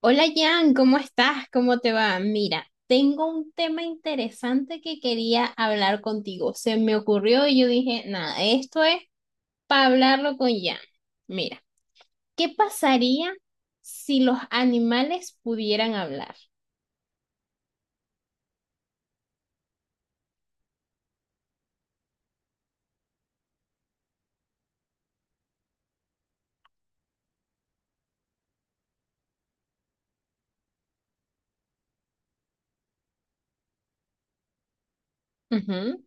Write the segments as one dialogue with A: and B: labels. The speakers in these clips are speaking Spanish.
A: Hola Jan, ¿cómo estás? ¿Cómo te va? Mira, tengo un tema interesante que quería hablar contigo. Se me ocurrió y yo dije, nada, esto es para hablarlo con Jan. Mira, ¿qué pasaría si los animales pudieran hablar? Ujú.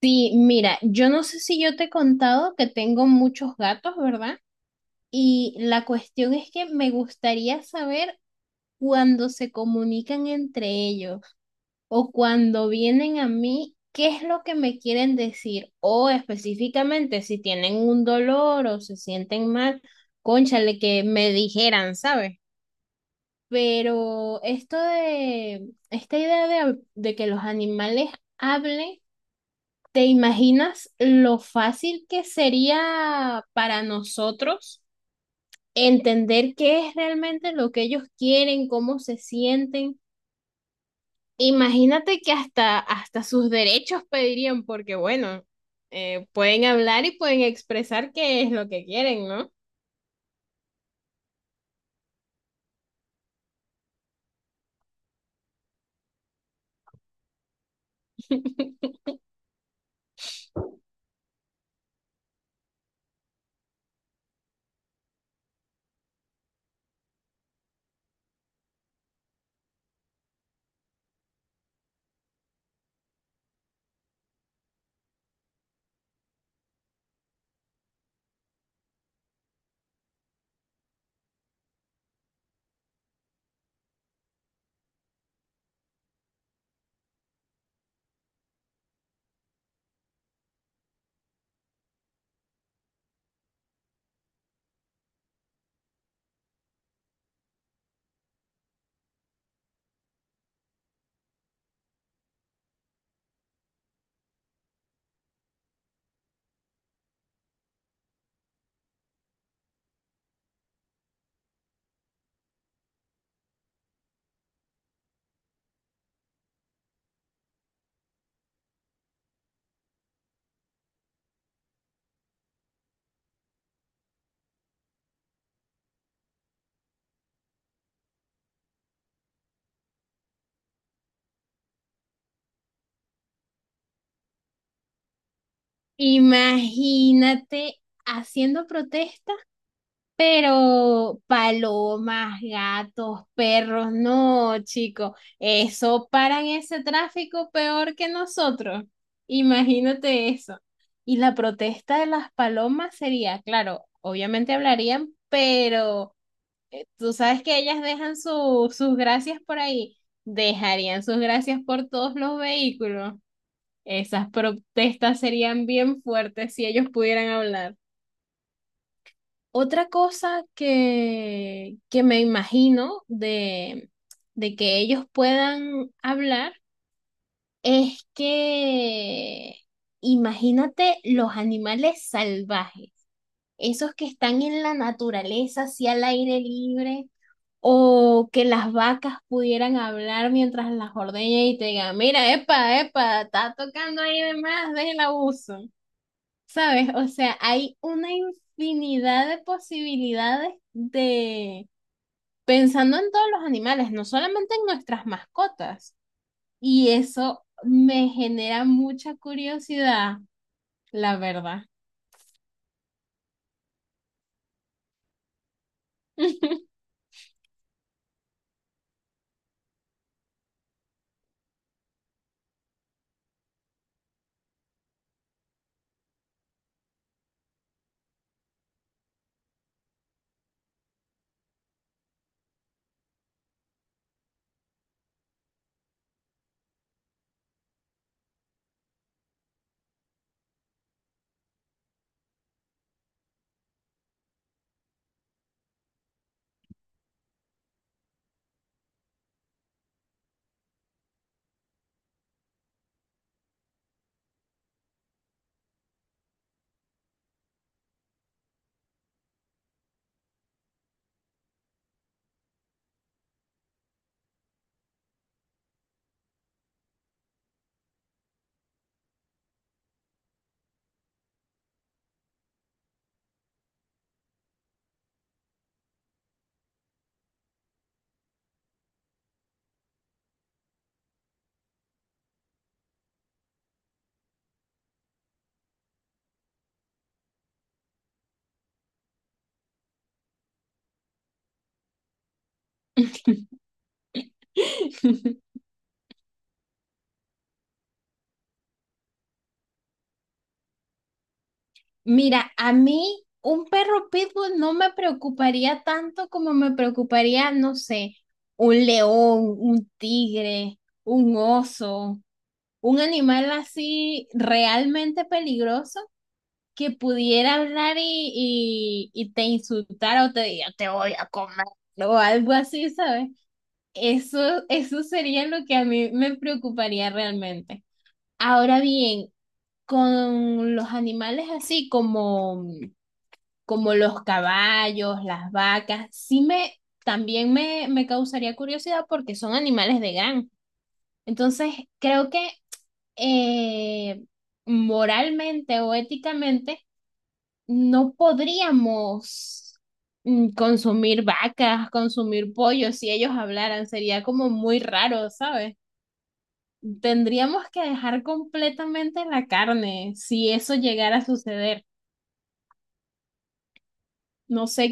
A: Sí, mira, yo no sé si yo te he contado que tengo muchos gatos, ¿verdad? Y la cuestión es que me gustaría saber cuando se comunican entre ellos. O cuando vienen a mí, ¿qué es lo que me quieren decir? O específicamente, si tienen un dolor o se sienten mal, cónchale, que me dijeran, ¿sabes? Pero esto esta idea de que los animales hablen, ¿te imaginas lo fácil que sería para nosotros entender qué es realmente lo que ellos quieren, cómo se sienten? Imagínate que hasta, hasta sus derechos pedirían, porque bueno, pueden hablar y pueden expresar qué es lo que quieren, ¿no? Imagínate haciendo protesta, pero palomas, gatos, perros, no, chico, eso paran ese tráfico peor que nosotros. Imagínate eso. Y la protesta de las palomas sería, claro, obviamente hablarían, pero tú sabes que ellas dejan sus gracias por ahí, dejarían sus gracias por todos los vehículos. Esas protestas serían bien fuertes si ellos pudieran hablar. Otra cosa que me imagino de que ellos puedan hablar es que imagínate los animales salvajes, esos que están en la naturaleza, así al aire libre. O que las vacas pudieran hablar mientras las ordeña y te digan, mira, epa, epa, está tocando ahí de más, deja el abuso. ¿Sabes? O sea, hay una infinidad de posibilidades de pensando en todos los animales, no solamente en nuestras mascotas. Y eso me genera mucha curiosidad, la verdad. Mira, a mí un perro pitbull no me preocuparía tanto como me preocuparía, no sé, un león, un tigre, un oso, un animal así realmente peligroso que pudiera hablar y te insultara o te diga, te voy a comer o algo así, ¿sabes? Eso, eso sería lo que a mí me preocuparía realmente. Ahora bien, con los animales así como los caballos, las vacas, también me causaría curiosidad porque son animales de granja. Entonces, creo que eh, moralmente o éticamente no podríamos consumir vacas, consumir pollos, si ellos hablaran, sería como muy raro, ¿sabes? Tendríamos que dejar completamente la carne si eso llegara a suceder. No sé.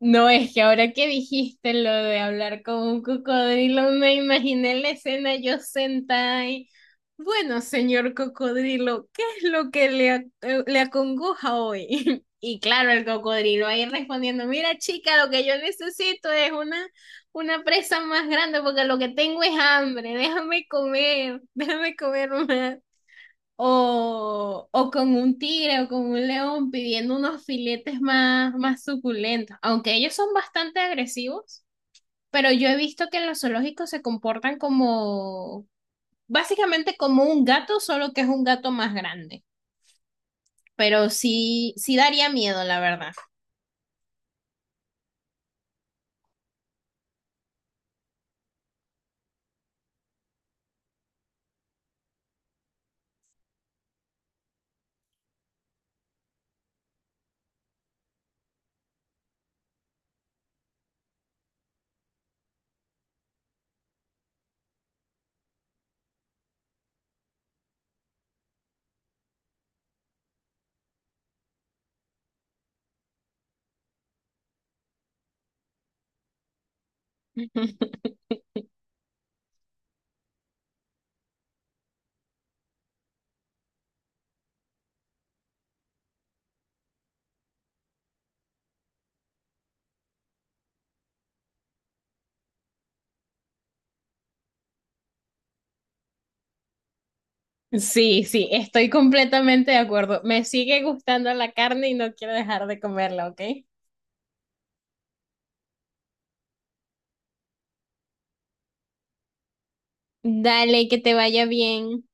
A: No, es que ahora que dijiste lo de hablar con un cocodrilo, me imaginé la escena yo sentada ahí. Bueno, señor cocodrilo, ¿qué es lo que le, le acongoja hoy? Y claro, el cocodrilo ahí respondiendo, mira chica, lo que yo necesito es una presa más grande porque lo que tengo es hambre, déjame comer, déjame comer más o con un tigre o con un león pidiendo unos filetes más, más suculentos, aunque ellos son bastante agresivos, pero yo he visto que en los zoológicos se comportan como, básicamente como un gato, solo que es un gato más grande. Pero sí, sí daría miedo, la verdad. Sí, sí, estoy completamente de acuerdo. Me sigue gustando la carne y no quiero dejar de comerla, ¿ok? Dale, que te vaya bien.